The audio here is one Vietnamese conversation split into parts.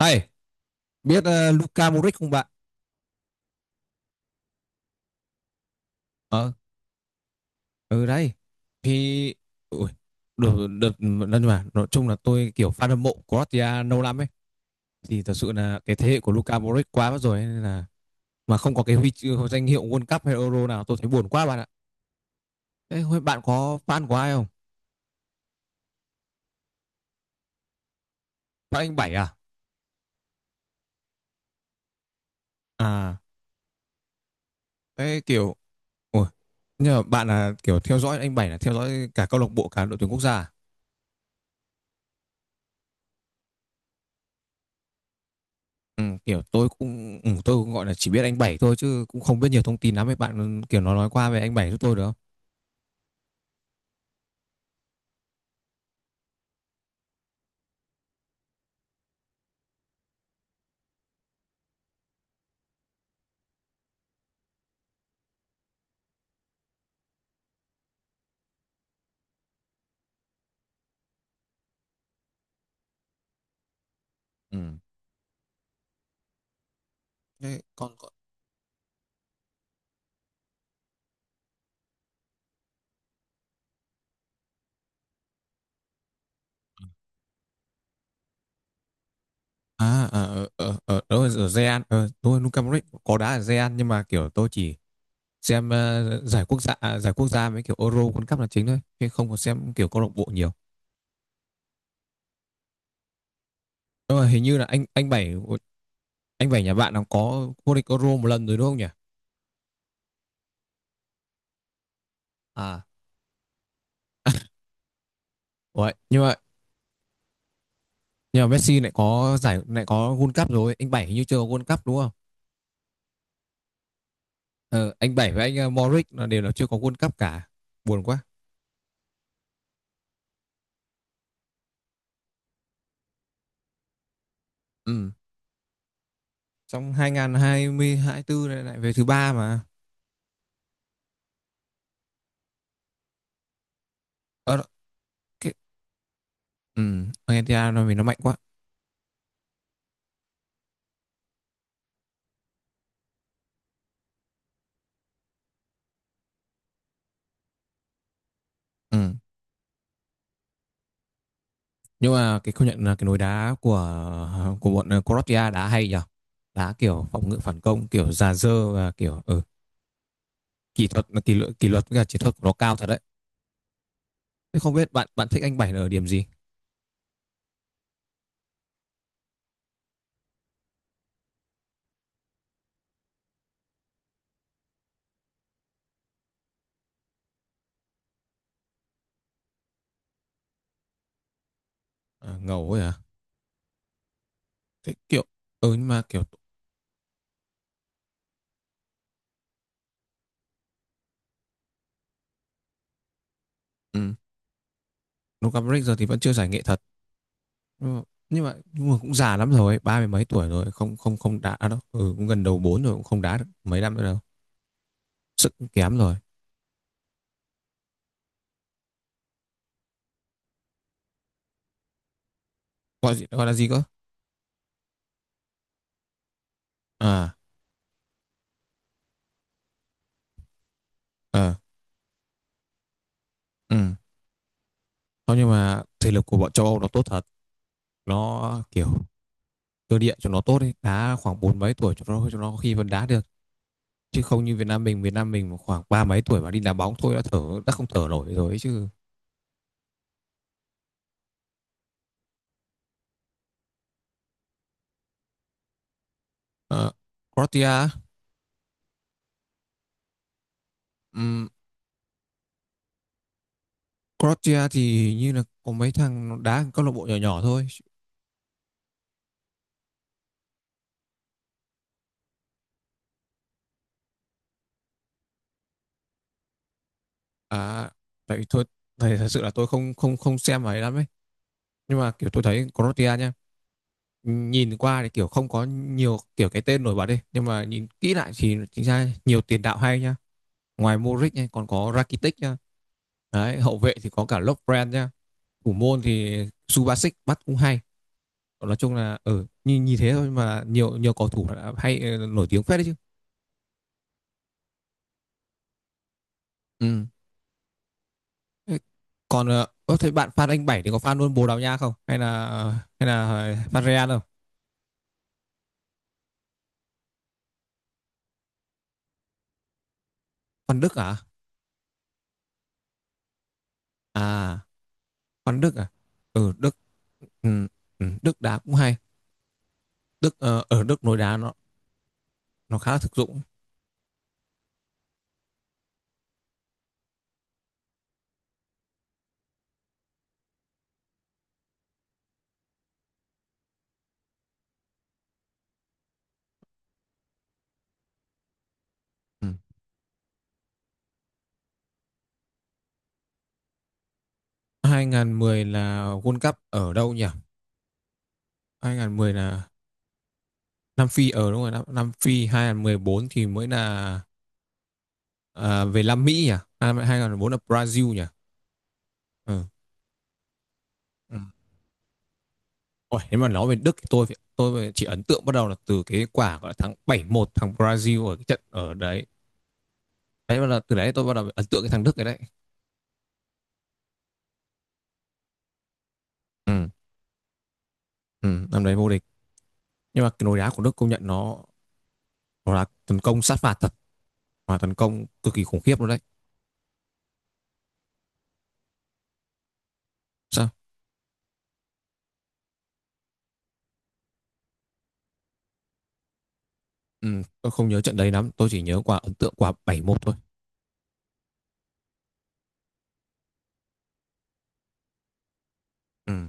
Này, biết Luka Modric không bạn? Ờ, ừ đấy. Thì ui, được được, nhưng mà nói chung là tôi kiểu fan hâm mộ Croatia lâu lắm ấy, thì thật sự là cái thế hệ của Luka Modric quá mất rồi ấy, nên là mà không có cái huy chương danh hiệu World Cup hay Euro nào, tôi thấy buồn quá bạn ạ. Thế hôm bạn có fan của ai không? Fan anh Bảy à? À, thế kiểu ui, nhưng mà bạn là kiểu theo dõi anh Bảy là theo dõi cả câu lạc bộ, cả đội tuyển quốc gia à? Ừ, kiểu tôi cũng tôi cũng gọi là chỉ biết anh Bảy thôi, chứ cũng không biết nhiều thông tin lắm ấy. Bạn kiểu nó nói qua về anh Bảy giúp tôi được không? Ừ. Thế còn còn- À, ở ở ở ở, ở Zean, tôi Luka Modric có đá ở Zean, nhưng mà kiểu tôi chỉ xem giải quốc gia à, giải quốc gia với kiểu Euro World Cup là chính thôi, chứ không có xem kiểu câu lạc bộ nhiều. Nhưng mà hình như là anh Bảy nhà bạn nó có vô địch Euro một lần rồi đúng không nhỉ? À, vậy nhưng mà, Messi lại có giải, lại có World Cup rồi, anh Bảy hình như chưa có World Cup đúng không? Ờ, anh Bảy với anh Morrick là đều là chưa có World Cup cả. Buồn quá. Ừ. Trong 2024 này lại về thứ ba mà. Ờ đó, cái, ừ, Argentina nó vì nó mạnh quá. Ừ. Nhưng mà cái, công nhận là cái nối đá của bọn, Croatia đá hay nhở. Đá kiểu phòng ngự phản công, kiểu già dơ, và kiểu, kỹ thuật, kỷ luật, với cả chiến thuật của nó cao thật đấy. Thế không biết bạn bạn thích anh Bảy là ở điểm gì? À, ngầu ấy à? Thế kiểu, nhưng mà kiểu, ừ, Luka Modric giờ thì vẫn chưa giải nghệ thật. Ừ. Nhưng mà cũng già lắm rồi ấy, ba mươi mấy tuổi rồi, không không không đá đâu, cũng gần đầu bốn rồi, cũng không đá được mấy năm nữa đâu, sức cũng kém rồi. Gọi gì, gọi là gì cơ? À, ờ ừ, thôi nhưng mà thể lực của bọn châu Âu nó tốt thật, nó kiểu cơ địa cho nó tốt ấy, đá khoảng bốn mấy tuổi cho nó có khi vẫn đá được, chứ không như Việt Nam mình mà khoảng ba mấy tuổi mà đi đá bóng thôi đã thở đã không thở nổi rồi ấy chứ. Ờ, Croatia á? ừm, Croatia thì hình như là có mấy thằng nó đá ở câu lạc bộ nhỏ nhỏ thôi. À, tại thôi, thầy thật sự là tôi không không không xem ấy lắm ấy. Nhưng mà kiểu tôi thấy Croatia nha, nhìn qua thì kiểu không có nhiều kiểu cái tên nổi bật đi, nhưng mà nhìn kỹ lại thì chính ra nhiều tiền đạo hay nha. Ngoài Modric nha, còn có Rakitic nha. Đấy, hậu vệ thì có cả Lovren nha. Thủ môn thì Subasic bắt cũng hay. Nói chung là ở, nhìn thế thôi mà nhiều nhiều cầu thủ đã hay, nổi tiếng phết đấy chứ. Ừ. Thế còn, thế bạn fan anh Bảy thì có fan luôn Bồ Đào Nha không? Hay là, hay là fan Real không? Fan Đức à? À, fan Đức à? Ừ, ừ, Đức đá cũng hay. Đức, ở Đức nối đá nó khá là thực dụng. Ừ. 2010 là World Cup ở đâu nhỉ? 2010 là Nam Phi, ở đúng rồi. Nam Phi 2014 thì mới là, à, về Nam Mỹ nhỉ? À, 2014 là Brazil nhỉ? Ừ. Ừ. Ôi, nếu mà nói về Đức thì tôi chỉ ấn tượng bắt đầu là từ cái quả gọi là thắng 7-1 thằng Brazil ở cái trận ở đấy. Đấy, bắt đầu từ đấy tôi bắt đầu ấn tượng cái thằng Đức cái đấy. Ừ, ừ, năm đấy vô địch. Nhưng mà cái lối đá của Đức công nhận nó là tấn công sát phạt thật, và tấn công cực kỳ khủng khiếp luôn đấy. Sao? Ừ, tôi không nhớ trận đấy lắm, tôi chỉ nhớ quả ấn tượng quả 7-1 thôi. Ừ.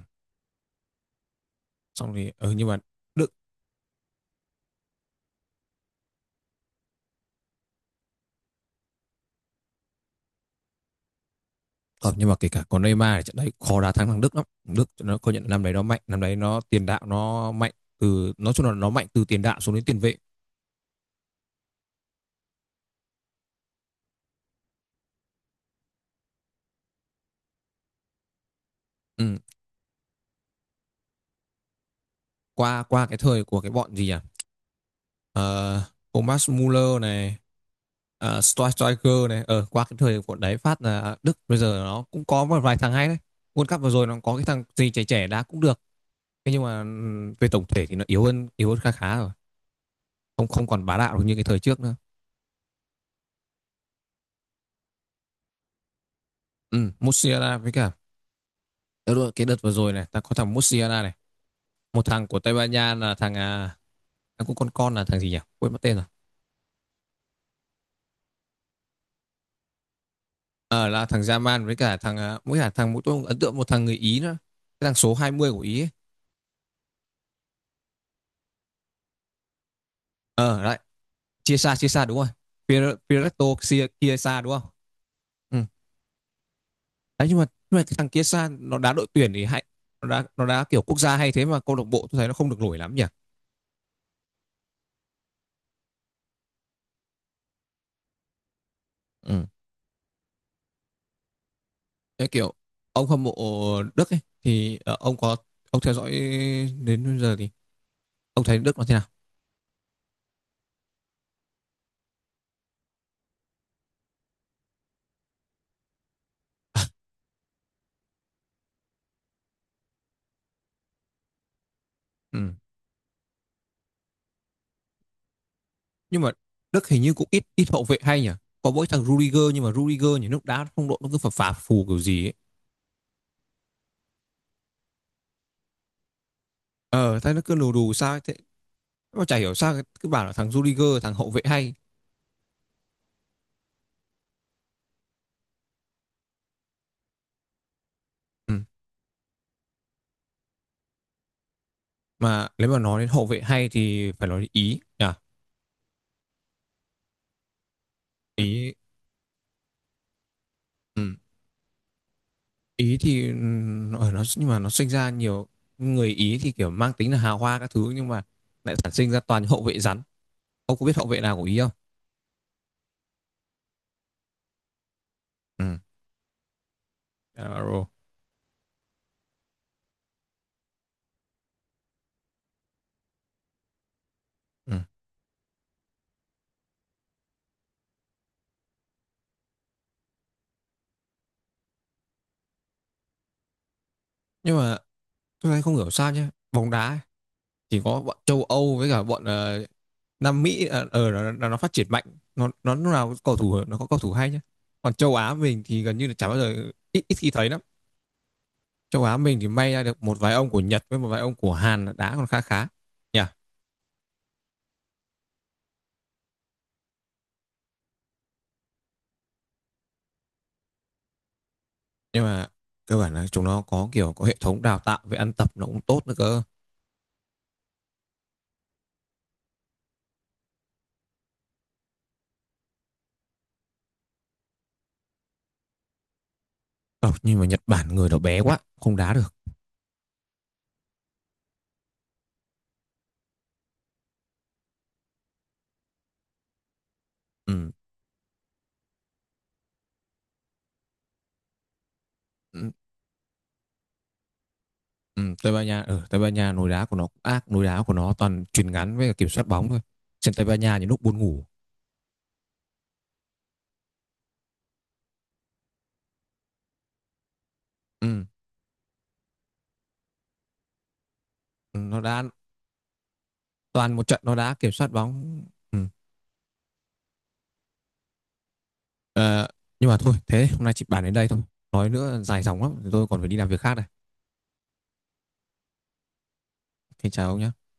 Xong thì, Đức ờ, nhưng mà kể cả có Neymar thì trận đấy khó đá thắng thằng Đức lắm. Đức nó công nhận năm đấy nó mạnh, năm đấy nó tiền đạo nó mạnh, từ nói chung là nó mạnh từ tiền đạo xuống đến tiền vệ. Ừ, qua qua cái thời của cái bọn gì à. Ờ, Thomas Muller này, Striker này, qua cái thời của đấy phát là Đức bây giờ nó cũng có một vài thằng hay đấy. World Cup vừa rồi nó có cái thằng gì trẻ trẻ đá cũng được. Thế nhưng mà về tổng thể thì nó yếu hơn, yếu hơn khá khá rồi, không không còn bá đạo được như cái thời trước nữa. Ừ, Musiala với cả. Ờ, đúng rồi, cái đợt vừa rồi này ta có thằng Musiala này, một thằng của Tây Ban Nha là thằng, thằng cũng con là thằng gì nhỉ, quên mất tên rồi. Ờ là thằng Yaman với cả thằng, với cả thằng, mỗi tôi ấn tượng một thằng người Ý nữa. Cái thằng số 20 của Ý ấy. Ờ, lại Chiesa Chiesa đúng rồi. Chiesa đúng không? Ừ. Đấy, nhưng mà cái thằng Chiesa nó đá đội tuyển thì hay, nó đá kiểu quốc gia hay, thế mà câu lạc bộ tôi thấy nó không được nổi lắm nhỉ. Ừ. Cái kiểu ông hâm mộ Đức ấy thì, ông theo dõi đến bây giờ thì ông thấy Đức nó thế nào? Ừ. Nhưng mà Đức hình như cũng ít ít hậu vệ hay nhỉ, có mỗi thằng Rudiger, nhưng mà Rudiger thì lúc đá phong độ nó cứ phập phà phù kiểu gì ấy. Ờ Thế nó cứ lù đù sao ấy. Thế mà chả hiểu sao cứ bảo là thằng Rudiger, thằng hậu vệ hay. Ừ. Mà nếu mà nói đến hậu vệ hay thì phải nói đến Ý nhỉ. Ý. Ừ. Ý thì, nó nhưng mà nó sinh ra nhiều, người Ý thì kiểu mang tính là hào hoa các thứ, nhưng mà lại sản sinh ra toàn những hậu vệ rắn. Ông có biết hậu vệ nào của Ý không? Ừ. Alvaro. Ừ. Nhưng mà tôi thấy không hiểu sao nhé, bóng đá chỉ có bọn châu Âu với cả bọn, Nam Mỹ, nó phát triển mạnh. Nó lúc nào cầu thủ nó có cầu thủ hay nhá, còn châu Á mình thì gần như là chả bao giờ, ít ít khi thấy lắm. Châu Á mình thì may ra được một vài ông của Nhật với một vài ông của Hàn là đá còn khá khá nhỉ. Nhưng mà cơ bản là chúng nó có kiểu có hệ thống đào tạo về ăn tập nó cũng tốt nữa cơ. Ờ, nhưng mà Nhật Bản người nó bé quá không đá được, ừ. Ừ. Ừ. Tây Ban Nha, ở Tây Ban Nha nối đá của nó cũng ác, nối đá của nó toàn chuyền ngắn với cả kiểm soát bóng thôi, trên Tây Ban Nha những lúc buồn ngủ, ừ. Nó đã, toàn một trận nó đã kiểm soát bóng, ừ. Ờ, nhưng mà thôi, thế hôm nay chị bàn đến đây thôi, nói nữa dài dòng lắm, tôi còn phải đi làm việc khác đây. Xin chào ông nhá.